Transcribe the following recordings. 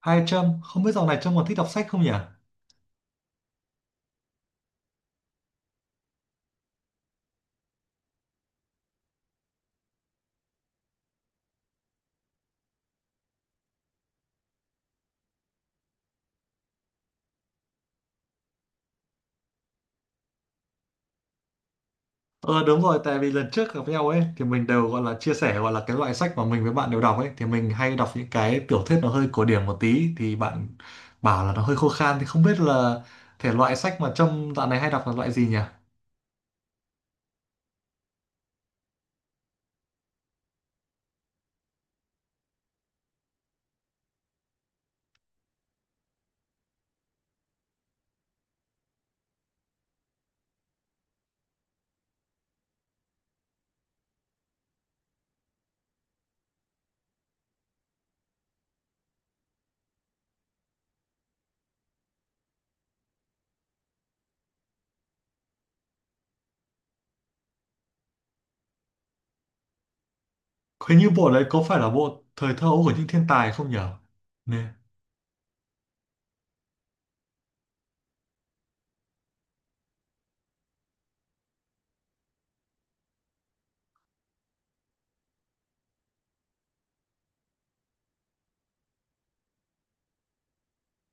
Hai trăm không biết dạo này Trâm còn thích đọc sách không nhỉ? Ờ, đúng rồi, tại vì lần trước gặp nhau ấy thì mình đều gọi là chia sẻ gọi là cái loại sách mà mình với bạn đều đọc ấy thì mình hay đọc những cái tiểu thuyết nó hơi cổ điển một tí thì bạn bảo là nó hơi khô khan thì không biết là thể loại sách mà Trâm dạo này hay đọc là loại gì nhỉ? Hình như bộ đấy có phải là bộ Thời thơ ấu của những thiên tài không nhỉ? Nè.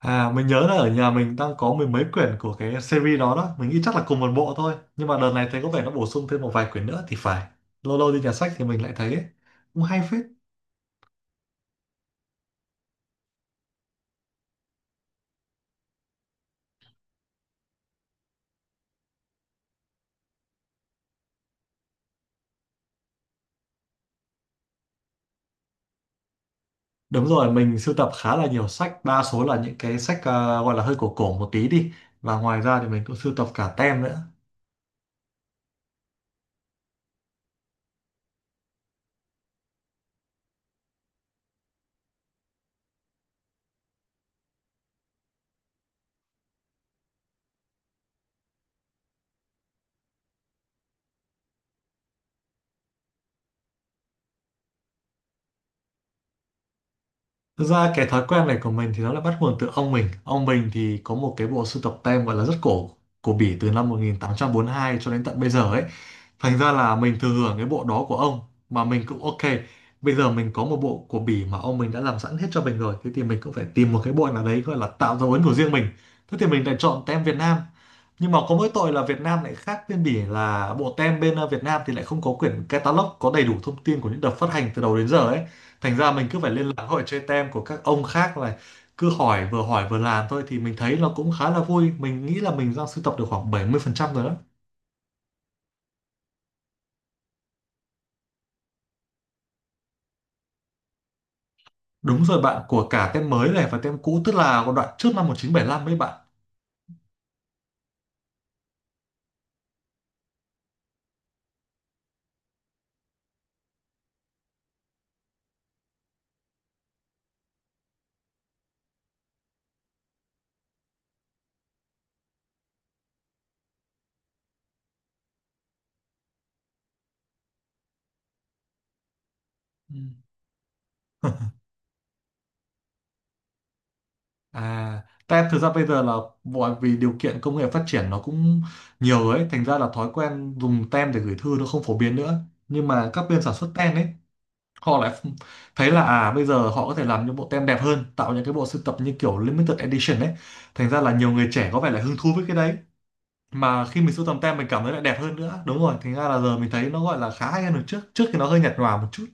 À, mình nhớ là ở nhà mình đang có mười mấy quyển của cái series đó đó. Mình nghĩ chắc là cùng một bộ thôi. Nhưng mà đợt này thấy có vẻ nó bổ sung thêm một vài quyển nữa thì phải. Lâu lâu đi nhà sách thì mình lại thấy ấy, cũng hay phết. Đúng rồi, mình sưu tập khá là nhiều sách. Đa số là những cái sách gọi là hơi cổ cổ một tí đi. Và ngoài ra thì mình cũng sưu tập cả tem nữa. Thực ra cái thói quen này của mình thì nó là bắt nguồn từ ông mình. Ông mình thì có một cái bộ sưu tập tem gọi là rất cổ của Bỉ từ năm 1842 cho đến tận bây giờ ấy. Thành ra là mình thừa hưởng cái bộ đó của ông mà mình cũng ok. Bây giờ mình có một bộ của Bỉ mà ông mình đã làm sẵn hết cho mình rồi. Thế thì mình cũng phải tìm một cái bộ nào đấy gọi là tạo dấu ấn của riêng mình. Thế thì mình lại chọn tem Việt Nam. Nhưng mà có mỗi tội là Việt Nam lại khác bên Bỉ, là bộ tem bên Việt Nam thì lại không có quyển catalog có đầy đủ thông tin của những đợt phát hành từ đầu đến giờ ấy, thành ra mình cứ phải liên lạc hội chơi tem của các ông khác này, cứ hỏi vừa làm thôi. Thì mình thấy nó cũng khá là vui, mình nghĩ là mình đang sưu tập được khoảng 70% rồi đó. Đúng rồi bạn, của cả tem mới này và tem cũ, tức là của đoạn trước năm 1975 ấy bạn. Ừ. À, tem thực ra bây giờ là bởi vì điều kiện công nghệ phát triển nó cũng nhiều ấy, thành ra là thói quen dùng tem để gửi thư nó không phổ biến nữa, nhưng mà các bên sản xuất tem ấy họ lại thấy là à bây giờ họ có thể làm những bộ tem đẹp hơn, tạo những cái bộ sưu tập như kiểu limited edition ấy, thành ra là nhiều người trẻ có vẻ là hứng thú với cái đấy. Mà khi mình sưu tầm tem mình cảm thấy lại đẹp hơn nữa, đúng rồi, thành ra là giờ mình thấy nó gọi là khá hay hơn được trước trước thì nó hơi nhạt nhòa một chút.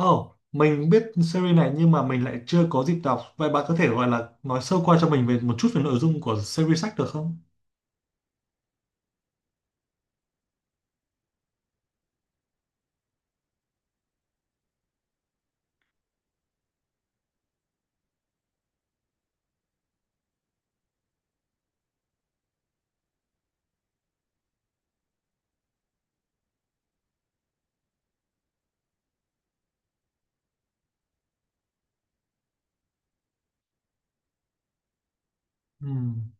Oh mình biết series này, nhưng mà mình lại chưa có dịp đọc. Vậy bạn có thể gọi là nói sơ qua cho mình về một chút về nội dung của series sách được không? Ừm.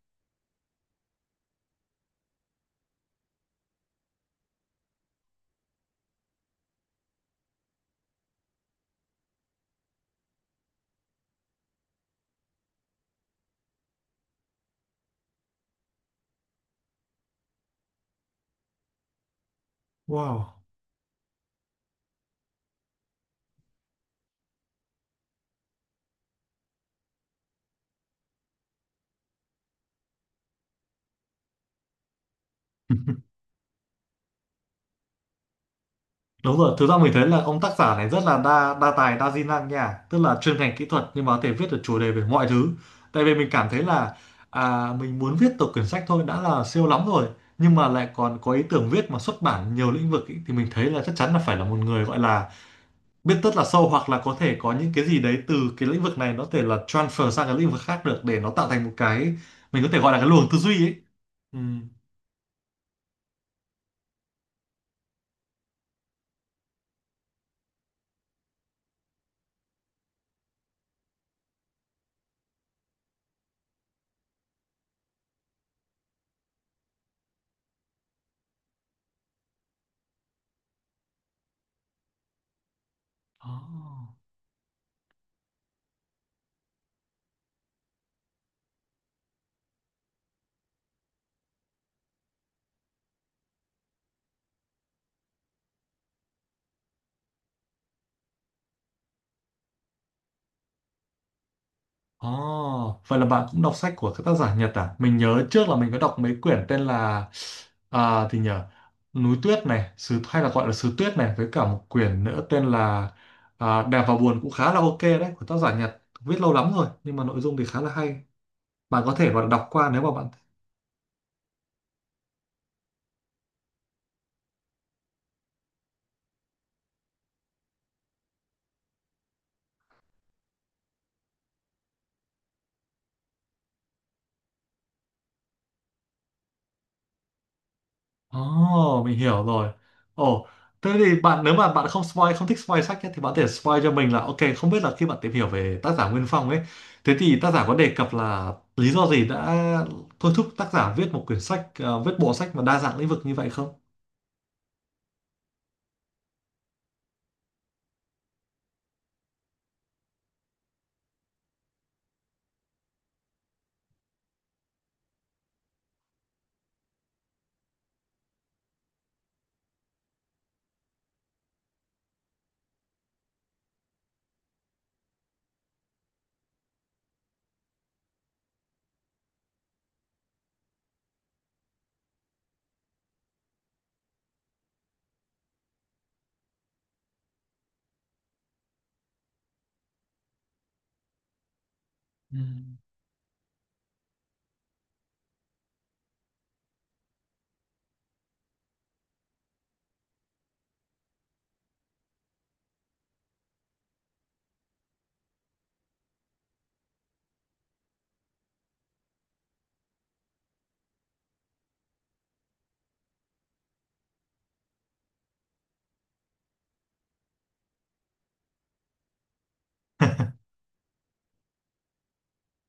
Wow. Đúng rồi, thực ra mình thấy là ông tác giả này rất là đa đa tài đa di năng nha, tức là chuyên ngành kỹ thuật nhưng mà có thể viết được chủ đề về mọi thứ. Tại vì mình cảm thấy là mình muốn viết tập quyển sách thôi đã là siêu lắm rồi, nhưng mà lại còn có ý tưởng viết mà xuất bản nhiều lĩnh vực ý, thì mình thấy là chắc chắn là phải là một người gọi là biết rất là sâu, hoặc là có thể có những cái gì đấy từ cái lĩnh vực này nó có thể là transfer sang cái lĩnh vực khác được để nó tạo thành một cái mình có thể gọi là cái luồng tư duy ấy. Ừ. Đó. Oh, vậy là bạn cũng đọc sách của các tác giả Nhật à? Mình nhớ trước là mình có đọc mấy quyển tên là à, thì nhờ Núi Tuyết này, Sứ hay là gọi là Sứ Tuyết này, với cả một quyển nữa tên là Đẹp và Buồn, cũng khá là ok đấy, của tác giả Nhật. Viết lâu lắm rồi nhưng mà nội dung thì khá là hay. Bạn có thể vào đọc qua nếu mà bạn. Ồ, mình hiểu rồi. Ồ, thế thì bạn, nếu mà bạn không spoil, không thích spoil sách nhé, thì bạn có thể spoil cho mình là ok, không biết là khi bạn tìm hiểu về tác giả Nguyên Phong ấy, thế thì tác giả có đề cập là lý do gì đã thôi thúc tác giả viết một quyển sách, viết bộ sách mà đa dạng lĩnh vực như vậy không? Ừm.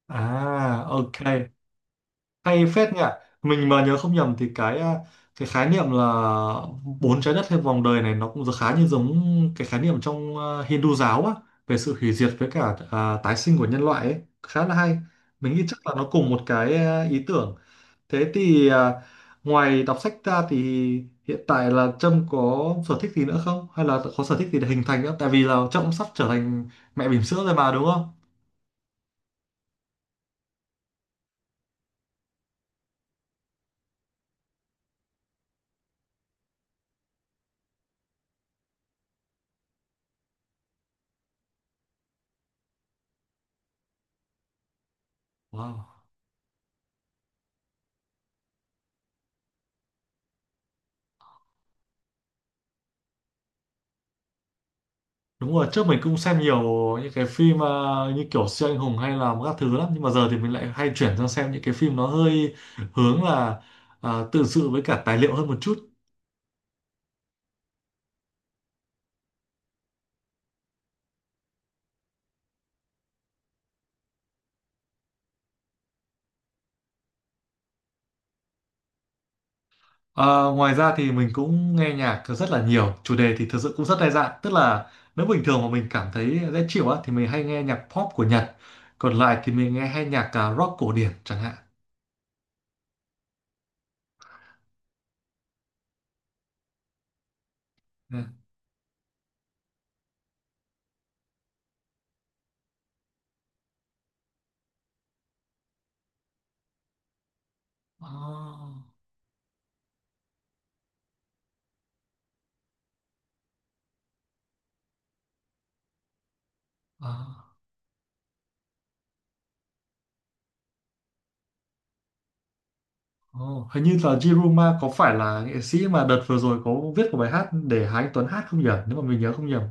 À, ok. Hay phết nhỉ. Mình mà nhớ không nhầm thì cái khái niệm là bốn trái đất hay vòng đời này nó cũng khá như giống cái khái niệm trong Hindu giáo á, về sự hủy diệt với cả tái sinh của nhân loại ấy, khá là hay. Mình nghĩ chắc là nó cùng một ý tưởng. Thế thì à, ngoài đọc sách ra thì hiện tại là Trâm có sở thích gì nữa không, hay là có sở thích gì để hình thành nữa, tại vì là Trâm cũng sắp trở thành mẹ bỉm sữa rồi mà đúng không? Wow. Đúng rồi, trước mình cũng xem nhiều những cái phim như kiểu siêu anh hùng hay là các thứ lắm, nhưng mà giờ thì mình lại hay chuyển sang xem những cái phim nó hơi hướng là tự sự với cả tài liệu hơn một chút. À, ngoài ra thì mình cũng nghe nhạc rất là nhiều, chủ đề thì thực sự cũng rất đa dạng, tức là nếu bình thường mà mình cảm thấy dễ chịu á thì mình hay nghe nhạc pop của Nhật, còn lại thì mình nghe hay nhạc rock cổ điển chẳng hạn. Ờ, ờ. Ồ, hình như là Jiruma có phải là nghệ sĩ mà đợt vừa rồi có viết một bài hát để Hà Anh Tuấn hát không nhỉ? Nếu mà mình nhớ không nhầm.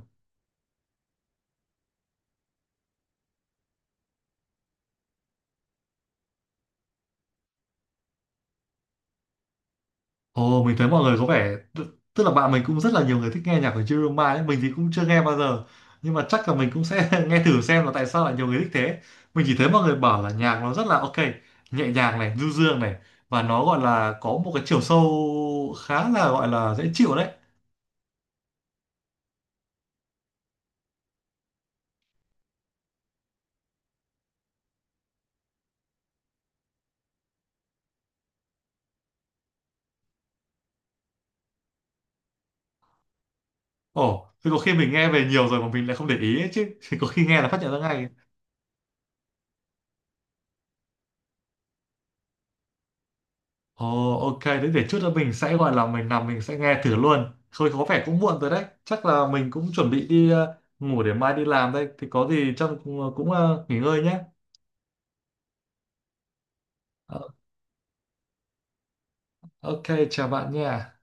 Ồ, mình thấy mọi người có vẻ tức là bạn mình cũng rất là nhiều người thích nghe nhạc của Jiruma ấy, mình thì cũng chưa nghe bao giờ. Nhưng mà chắc là mình cũng sẽ nghe thử xem là tại sao lại nhiều người thích thế. Mình chỉ thấy mọi người bảo là nhạc nó rất là ok, nhẹ nhàng này, du dương này, và nó gọi là có một cái chiều sâu khá là gọi là dễ chịu đấy. Ồ, thì có khi mình nghe về nhiều rồi mà mình lại không để ý ấy chứ. Thì có khi nghe là phát hiện ra ngay. Ồ, ok, thế để chút nữa mình sẽ gọi là mình nằm mình sẽ nghe thử luôn. Thôi có vẻ cũng muộn rồi đấy. Chắc là mình cũng chuẩn bị đi ngủ để mai đi làm đây. Thì có gì trong cũng nghỉ ngơi nhé. Ờ, ok, chào bạn nha.